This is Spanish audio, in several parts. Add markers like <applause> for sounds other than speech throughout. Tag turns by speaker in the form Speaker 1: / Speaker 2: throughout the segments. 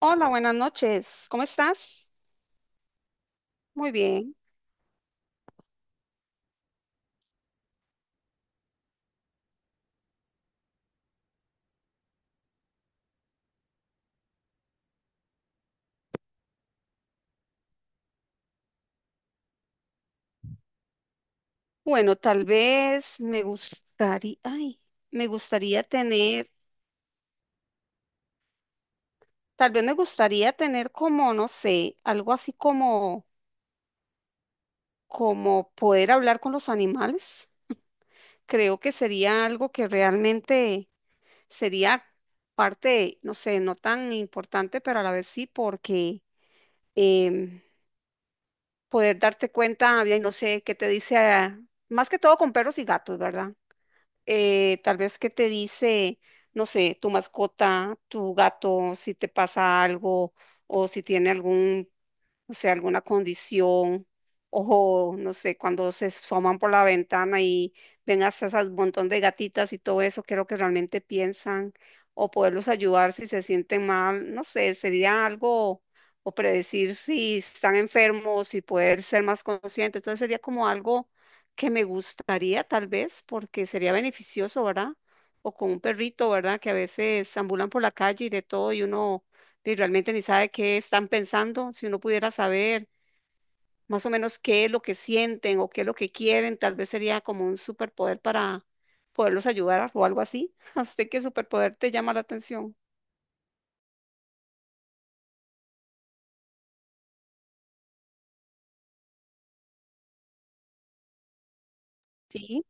Speaker 1: Hola, buenas noches. ¿Cómo estás? Muy bien. Bueno, tal vez me gustaría, ay, me gustaría tener, tal vez me gustaría tener como, no sé, algo así como, como poder hablar con los animales. Creo que sería algo que realmente sería parte, no sé, no tan importante, pero a la vez sí, porque em, poder darte cuenta, bien, no sé, qué te dice, ah, más que todo con perros y gatos, ¿verdad? Tal vez que te dice, no sé, tu mascota, tu gato, si te pasa algo o si tiene algún, no sé, alguna condición, o no sé, cuando se asoman por la ventana y ven hasta ese montón de gatitas y todo eso, qué es lo que realmente piensan, o poderlos ayudar si se sienten mal, no sé, sería algo, o predecir si están enfermos y poder ser más consciente. Entonces sería como algo que me gustaría tal vez, porque sería beneficioso, ¿verdad? O con un perrito, ¿verdad? Que a veces ambulan por la calle y de todo y uno y realmente ni sabe qué están pensando. Si uno pudiera saber más o menos qué es lo que sienten o qué es lo que quieren, tal vez sería como un superpoder para poderlos ayudar o algo así. <laughs> ¿A usted qué superpoder te llama la atención? Sí.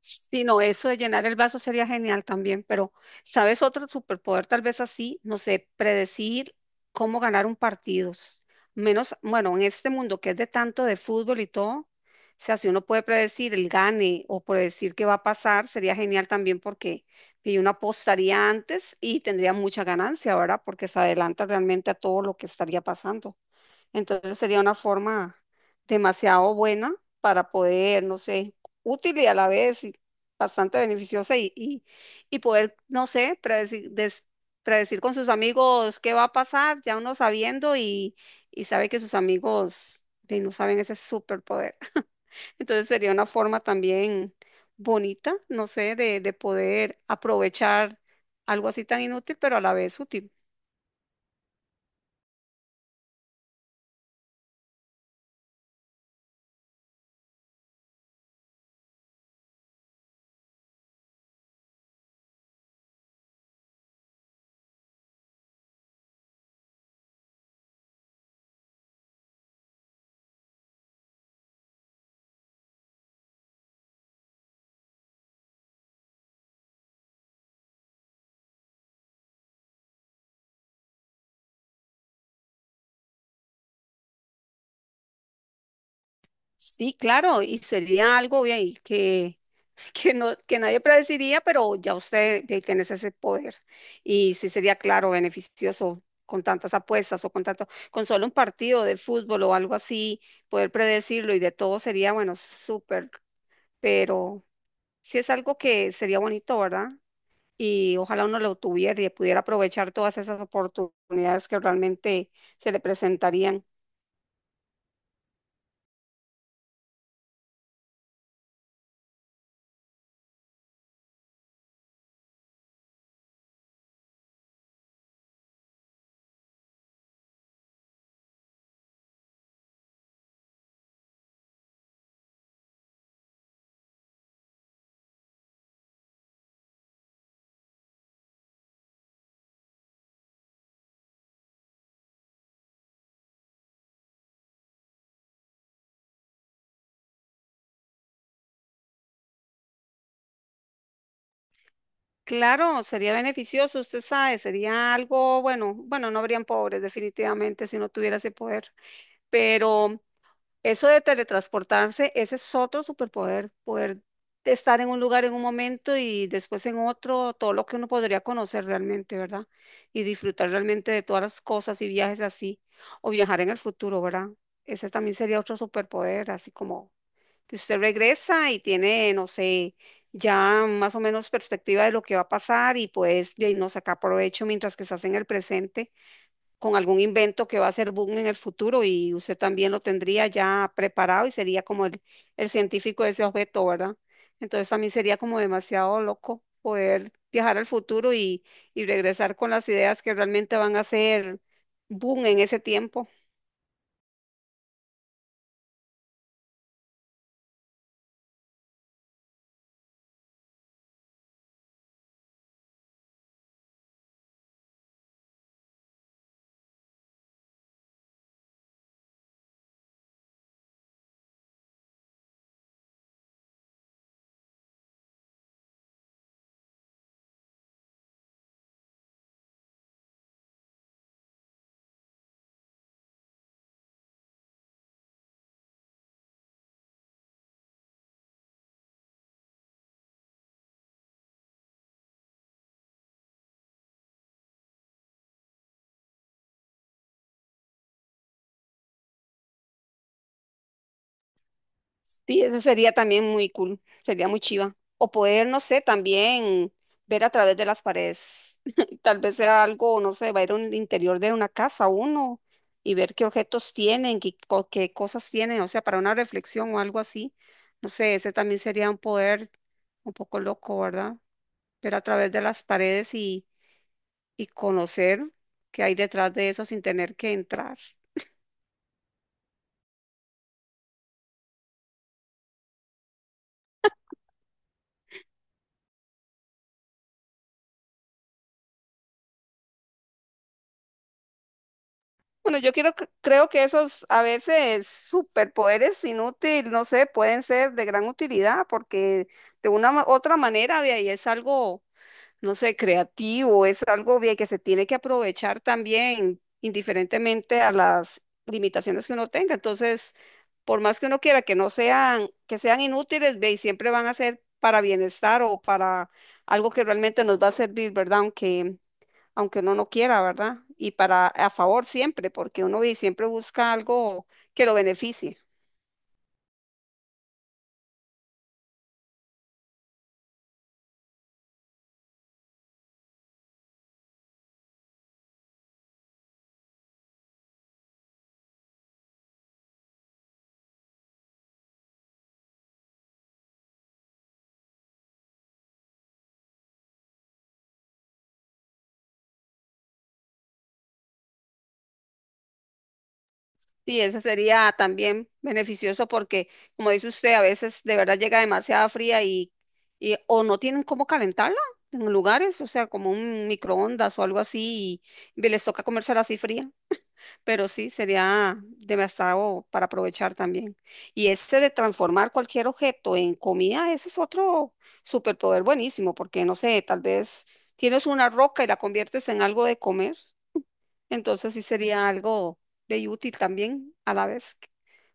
Speaker 1: Sí, no, eso de llenar el vaso sería genial también, pero ¿sabes otro superpoder? Tal vez así, no sé, predecir cómo ganar un partido. Menos, bueno, en este mundo que es de tanto de fútbol y todo, o sea, si uno puede predecir el gane o predecir qué va a pasar, sería genial también porque y uno apostaría antes y tendría mucha ganancia, ¿verdad? Porque se adelanta realmente a todo lo que estaría pasando. Entonces sería una forma demasiado buena para poder, no sé, útil y a la vez y bastante beneficiosa y poder, no sé, predecir, predecir con sus amigos qué va a pasar, ya uno sabiendo y sabe que sus amigos no saben ese superpoder. <laughs> Entonces sería una forma también bonita, no sé, de poder aprovechar algo así tan inútil, pero a la vez útil. Sí, claro, y sería algo ve ahí que, <laughs> que, no, que nadie predeciría, pero ya usted ve, tenés ese poder. Y sí sería, claro, beneficioso con tantas apuestas o con tanto, con solo un partido de fútbol o algo así, poder predecirlo y de todo sería, bueno, súper, pero sí es algo que sería bonito, ¿verdad? Y ojalá uno lo tuviera y pudiera aprovechar todas esas oportunidades que realmente se le presentarían. Claro, sería beneficioso, usted sabe, sería algo, bueno, bueno, no habrían pobres definitivamente si no tuviera ese poder, pero eso de teletransportarse, ese es otro superpoder, poder estar en un lugar en un momento y después en otro, todo lo que uno podría conocer realmente, ¿verdad? Y disfrutar realmente de todas las cosas y viajes así, o viajar en el futuro, ¿verdad? Ese también sería otro superpoder, así como que usted regresa y tiene, no sé, ya más o menos perspectiva de lo que va a pasar y pues de ahí no saca provecho mientras que se hace en el presente con algún invento que va a ser boom en el futuro y usted también lo tendría ya preparado y sería como el científico de ese objeto, ¿verdad? Entonces también sería como demasiado loco poder viajar al futuro y regresar con las ideas que realmente van a ser boom en ese tiempo. Sí, eso sería también muy cool, sería muy chiva. O poder, no sé, también ver a través de las paredes. <laughs> Tal vez sea algo, no sé, va a ir al interior de una casa uno y ver qué objetos tienen, qué, qué cosas tienen, o sea, para una reflexión o algo así. No sé, ese también sería un poder un poco loco, ¿verdad? Ver a través de las paredes y conocer qué hay detrás de eso sin tener que entrar. Bueno, yo quiero, creo que esos a veces superpoderes inútiles, no sé, pueden ser de gran utilidad porque de una otra manera, vea, y es algo, no sé, creativo, es algo vea, que se tiene que aprovechar también, indiferentemente a las limitaciones que uno tenga. Entonces, por más que uno quiera que no sean, que sean inútiles, vea, y siempre van a ser para bienestar o para algo que realmente nos va a servir, ¿verdad? Aunque uno no quiera, ¿verdad? Y para a favor siempre, porque uno siempre busca algo que lo beneficie. Y ese sería también beneficioso porque, como dice usted, a veces de verdad llega demasiada fría y o no tienen cómo calentarla en lugares, o sea, como un microondas o algo así, y les toca comérsela así fría. Pero sí, sería demasiado para aprovechar también. Y ese de transformar cualquier objeto en comida, ese es otro superpoder buenísimo, porque no sé, tal vez tienes una roca y la conviertes en algo de comer, entonces sí sería algo de útil también a la vez,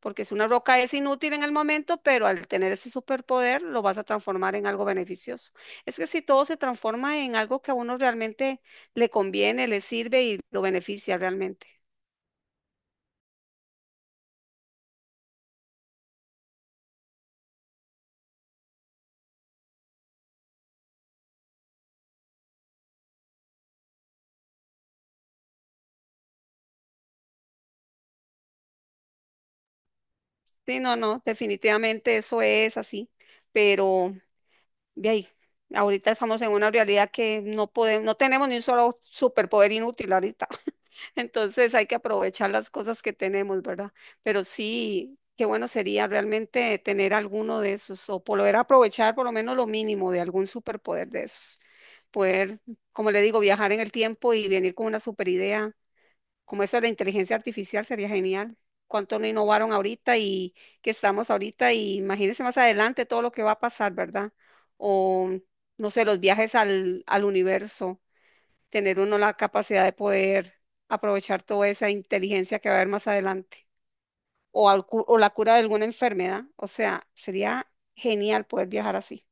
Speaker 1: porque si una roca es inútil en el momento, pero al tener ese superpoder lo vas a transformar en algo beneficioso. Es que si todo se transforma en algo que a uno realmente le conviene, le sirve y lo beneficia realmente. Sí, no, no, definitivamente eso es así, pero de ahí, ahorita estamos en una realidad que no podemos, no tenemos ni un solo superpoder inútil ahorita, <laughs> entonces hay que aprovechar las cosas que tenemos, ¿verdad? Pero sí, qué bueno sería realmente tener alguno de esos o poder aprovechar por lo menos lo mínimo de algún superpoder de esos, poder, como le digo, viajar en el tiempo y venir con una superidea como eso de la inteligencia artificial sería genial. Cuánto no innovaron ahorita y que estamos ahorita y imagínense más adelante todo lo que va a pasar, ¿verdad? O no sé, los viajes al universo, tener uno la capacidad de poder aprovechar toda esa inteligencia que va a haber más adelante o, o la cura de alguna enfermedad. O sea, sería genial poder viajar así.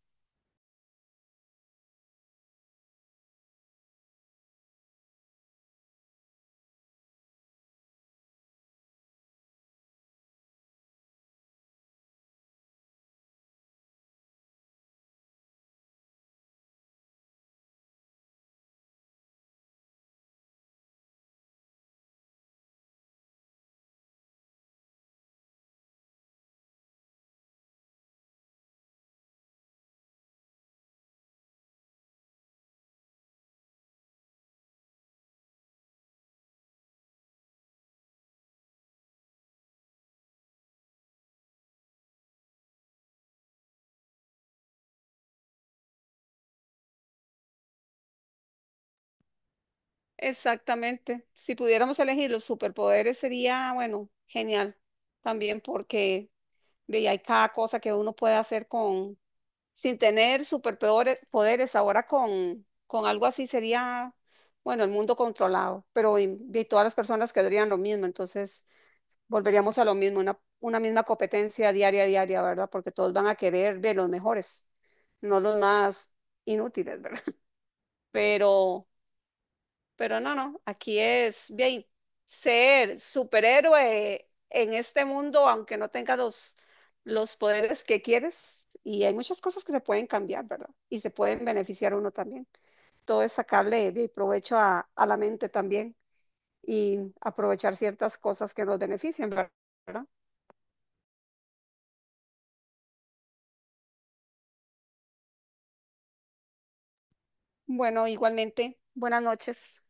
Speaker 1: Exactamente. Si pudiéramos elegir los superpoderes sería, bueno, genial también porque ve, y hay cada cosa que uno puede hacer con, sin tener superpoderes, poderes, ahora con algo así sería, bueno, el mundo controlado, pero y todas las personas quedarían lo mismo, entonces volveríamos a lo mismo, una misma competencia diaria, diaria, ¿verdad? Porque todos van a querer ver los mejores, no los más inútiles, ¿verdad? <laughs> Pero... Pero no, no, aquí es bien ser superhéroe en este mundo, aunque no tenga los poderes que quieres. Y hay muchas cosas que se pueden cambiar, ¿verdad? Y se pueden beneficiar uno también. Todo es sacarle bien, provecho a la mente también y aprovechar ciertas cosas que nos benefician, ¿verdad? Bueno, igualmente, buenas noches.